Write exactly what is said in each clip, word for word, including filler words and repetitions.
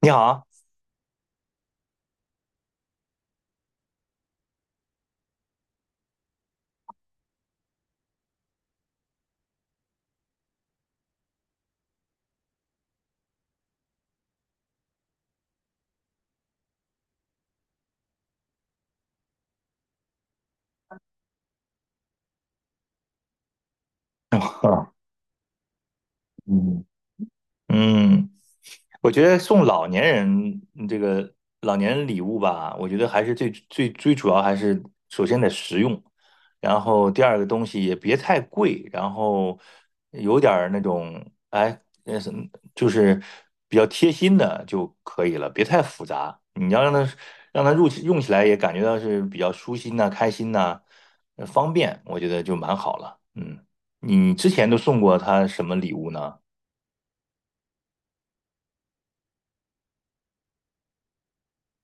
你好。啊，嗯，嗯，我觉得送老年人嗯这个老年人礼物吧，我觉得还是最最最主要还是首先得实用，然后第二个东西也别太贵，然后有点儿那种哎，呃什么就是比较贴心的就可以了，别太复杂。你要让他让他入用起来也感觉到是比较舒心呐、开心呐、呃方便，我觉得就蛮好了。嗯，你之前都送过他什么礼物呢？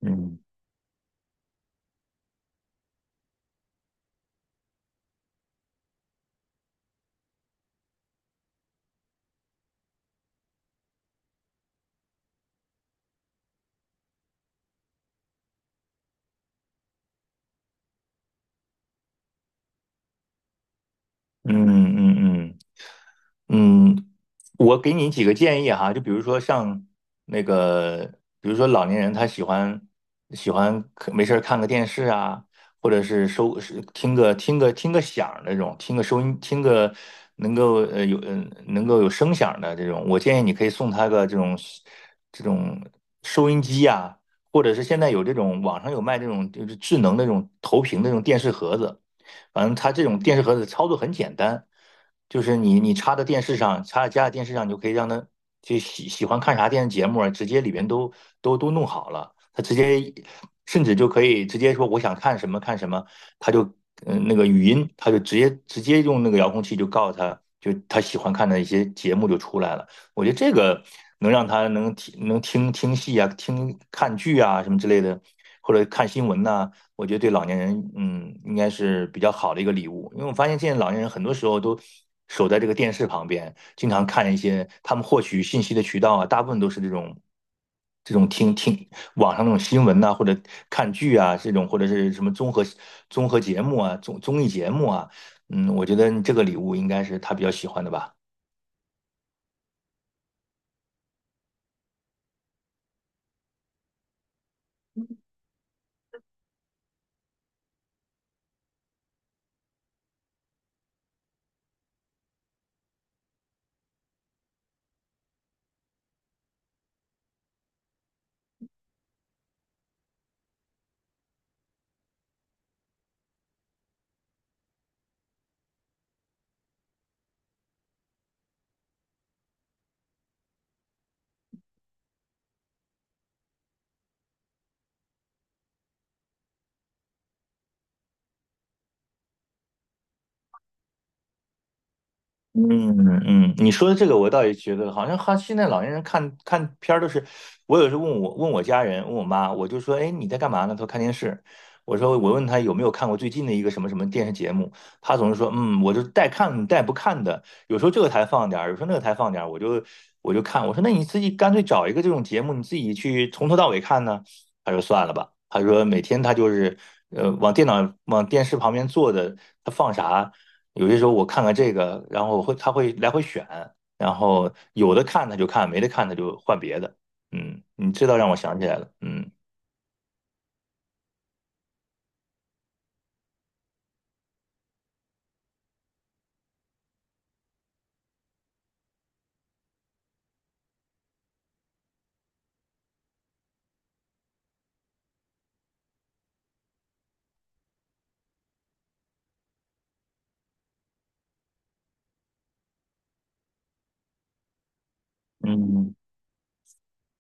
嗯嗯嗯嗯。嗯，我给你几个建议哈，就比如说像那个，比如说老年人他喜欢喜欢看没事儿看个电视啊，或者是收是听个听个听个响儿那种，听个收音听个能够呃有嗯能够有声响儿的这种，我建议你可以送他个这种这种收音机呀、或者是现在有这种网上有卖这种就是智能那种投屏的那种电视盒子。反正它这种电视盒子操作很简单，就是你你插在电视上，插在家里电视上，你就可以让它就喜喜欢看啥电视节目啊，直接里边都都都弄好了，它直接甚至就可以直接说我想看什么看什么，它就嗯呃那个语音，它就直接直接用那个遥控器就告诉他，就他喜欢看的一些节目就出来了。我觉得这个能让他能听能听听戏啊，听看剧啊什么之类的，或者看新闻呐、我觉得对老年人，嗯，应该是比较好的一个礼物。因为我发现现在老年人很多时候都守在这个电视旁边，经常看一些他们获取信息的渠道啊，大部分都是这种这种听听网上那种新闻呐、或者看剧啊，这种或者是什么综合综合节目啊、综综艺节目啊。嗯，我觉得这个礼物应该是他比较喜欢的吧。嗯嗯，嗯你说的这个我倒也觉得，好像哈现在老年人看看片儿都是，我有时候问我问我家人问我妈，我就说，哎，你在干嘛呢？她说看电视。我说我问她有没有看过最近的一个什么什么电视节目，她总是说，嗯，我就带看带不看的，有时候这个台放点儿，有时候那个台放点儿，我就我就看。我说那你自己干脆找一个这种节目，你自己去从头到尾看呢。她说算了吧，她说每天她就是呃往电脑往电视旁边坐的，她放啥。有些时候我看看这个，然后我会他会来回选，然后有的看他就看，没得看他就换别的。嗯，你这倒让我想起来了。嗯嗯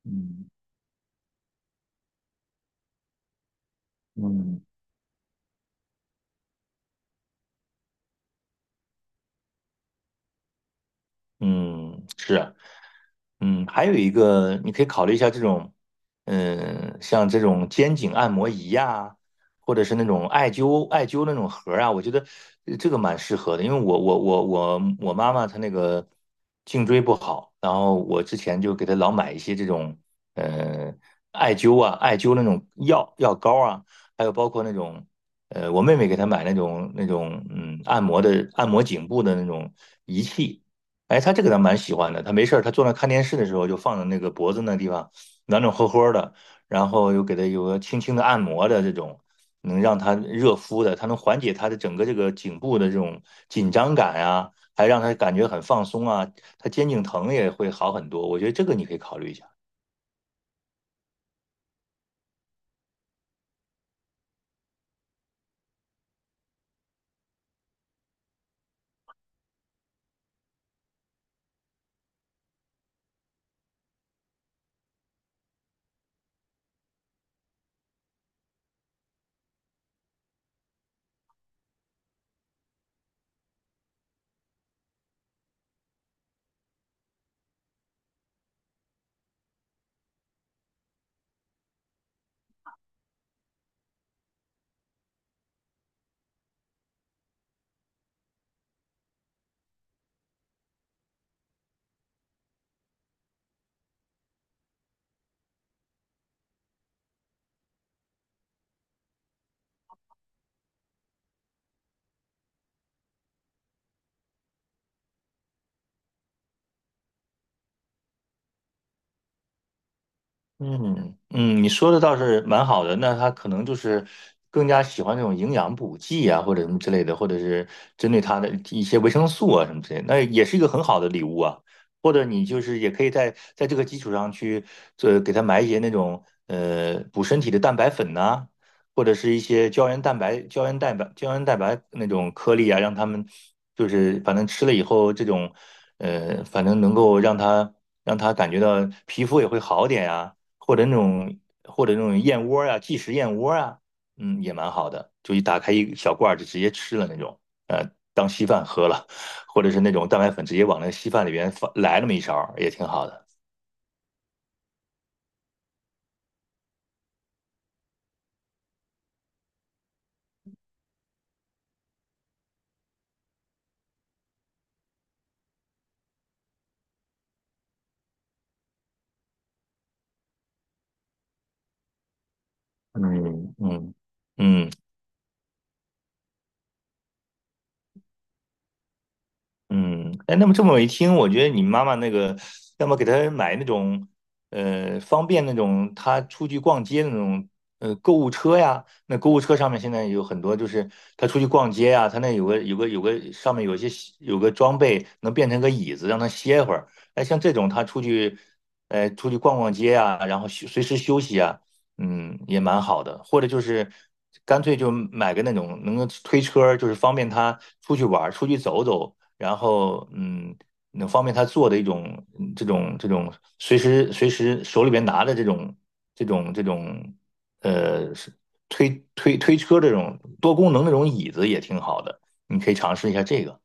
嗯嗯。嗯，是啊嗯，还有一个你可以考虑一下这种，嗯，像这种肩颈按摩仪呀、或者是那种艾灸艾灸那种盒儿啊，我觉得呃这个蛮适合的，因为我我我我我妈妈她那个颈椎不好，然后我之前就给她老买一些这种，呃，艾灸啊，艾灸那种药药膏啊，还有包括那种。呃，我妹妹给她买那种那种嗯按摩的按摩颈部的那种仪器，哎，他这个倒蛮喜欢的。他没事儿，他坐那看电视的时候，就放在那个脖子那地方暖暖和和的，然后又给他有个轻轻的按摩的这种，能让他热敷的，他能缓解他的整个这个颈部的这种紧张感啊，还让他感觉很放松啊，他肩颈疼也会好很多。我觉得这个你可以考虑一下。嗯嗯，你说的倒是蛮好的。那他可能就是更加喜欢这种营养补剂啊，或者什么之类的，或者是针对他的一些维生素啊什么之类的那也是一个很好的礼物啊。或者你就是也可以在在这个基础上去，呃，给他买一些那种呃补身体的蛋白粉呐、或者是一些胶原蛋白、胶原蛋白、胶原蛋白那种颗粒啊，让他们就是反正吃了以后，这种呃，反正能够让他让他感觉到皮肤也会好点呀、或者那种或者那种燕窝啊，即食燕窝啊，嗯，也蛮好的，就一打开一小罐儿就直接吃了那种，呃，当稀饭喝了，或者是那种蛋白粉直接往那稀饭里边放来那么一勺儿也挺好的。嗯嗯嗯。嗯，哎，那么这么一听，我觉得你妈妈那个，要么给她买那种，呃，方便那种她出去逛街的那种，呃，购物车呀。那购物车上面现在有很多，就是她出去逛街呀，她那有个有个有个上面有一些有个装备能变成个椅子，让她歇会儿。哎，像这种她出去，呃，出去逛逛街呀，然后休随时休息啊，嗯，也蛮好的。或者就是干脆就买个那种能够推车儿就是方便她出去玩儿、出去走走。然后嗯，能方便他做的一种嗯这种这种随时随时手里边拿的这种这种这种呃是推推推车这种多功能那种椅子也挺好的，你可以尝试一下这个。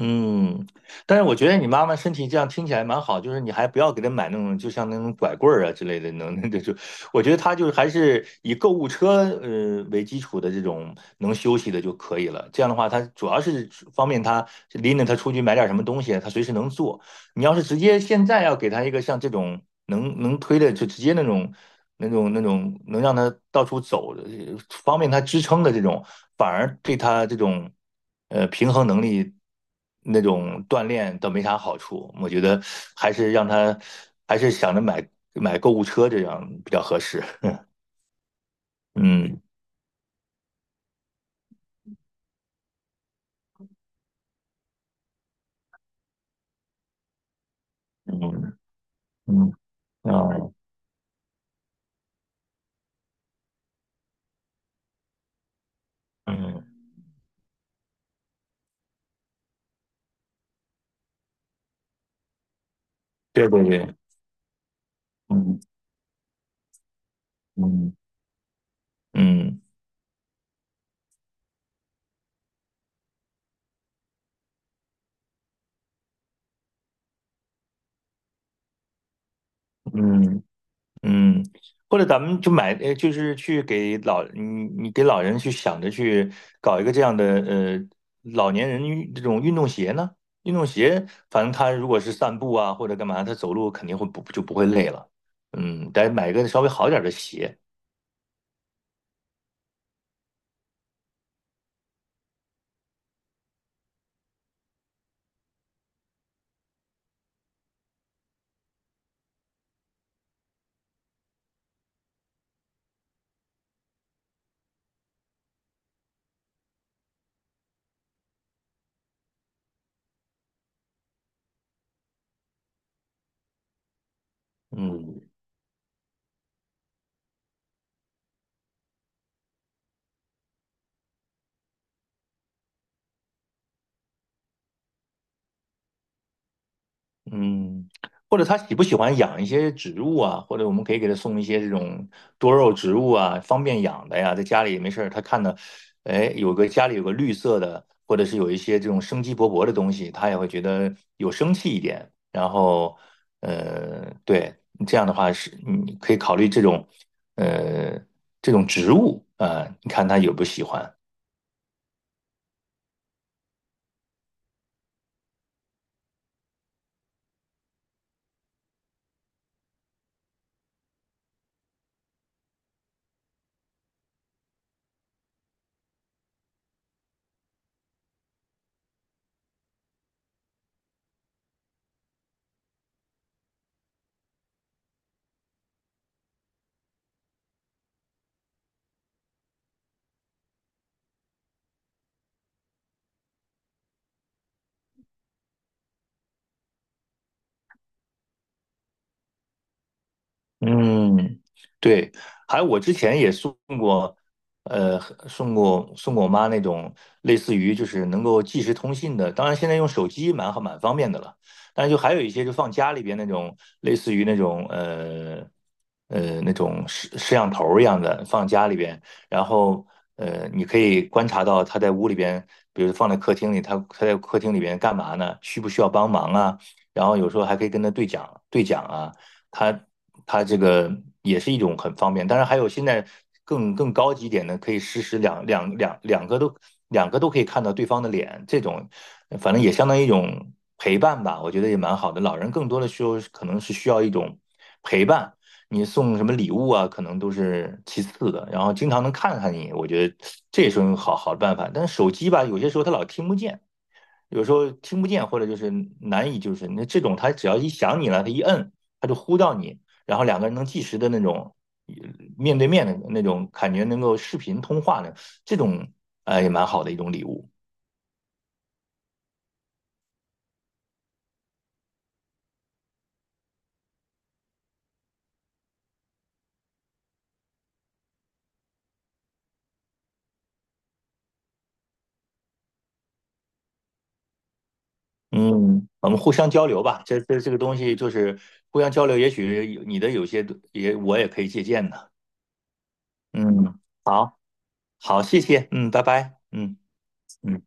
嗯，但是我觉得你妈妈身体这样听起来蛮好，就是你还不要给她买那种，就像那种拐棍儿啊之类的，能 那就，我觉得她就是还是以购物车呃为基础的这种能休息的就可以了。这样的话，她主要是方便她拎着她出去买点什么东西，她随时能做。你要是直接现在要给他一个像这种能能推的，就直接那种那种那种能让他到处走的，呃方便他支撑的这种，反而对他这种呃平衡能力那种锻炼倒没啥好处。我觉得还是让他还是想着买买购物车这样比较合适。嗯嗯嗯啊嗯，对对对，嗯嗯嗯嗯。嗯，或者咱们就买，呃，就是去给老你你给老人去想着去搞一个这样的呃老年人运这种运动鞋呢？运动鞋，反正他如果是散步啊或者干嘛，他走路肯定会不就不会累了。嗯，得买一个稍微好点儿的鞋。嗯嗯，或者他喜不喜欢养一些植物啊？或者我们可以给他送一些这种多肉植物啊，方便养的呀，在家里也没事儿，他看到，哎，有个家里有个绿色的，或者是有一些这种生机勃勃的东西，他也会觉得有生气一点。然后，呃，对，这样的话是你可以考虑这种，呃，这种植物啊，你看他有不喜欢。嗯，对，还有我之前也送过，呃，送过送过我妈那种类似于就是能够即时通信的，当然现在用手机蛮好蛮方便的了，但是就还有一些就放家里边那种类似于那种呃呃那种摄摄像头儿一样的放家里边，然后呃你可以观察到他在屋里边，比如放在客厅里，他他在客厅里边干嘛呢？需不需要帮忙啊？然后有时候还可以跟他对讲对讲啊。它它这个也是一种很方便。当然还有现在更更高级一点的，可以实时两两两两个都两个都可以看到对方的脸，这种反正也相当于一种陪伴吧，我觉得也蛮好的。老人更多的时候可能是需要一种陪伴。你送什么礼物啊，可能都是其次的，然后经常能看看你，我觉得这也是一种好好的办法。但是手机吧，有些时候它老听不见，有时候听不见，或者就是难以，就是那这种，他只要一想你了，他一摁，他就呼到你，然后两个人能即时的那种呃面对面的那种感觉，能够视频通话的这种，呃，也蛮好的一种礼物。嗯，我们互相交流吧，这这这个东西就是互相交流，也许你的有些也我也可以借鉴的。嗯，好，好，谢谢，嗯，拜拜，嗯嗯。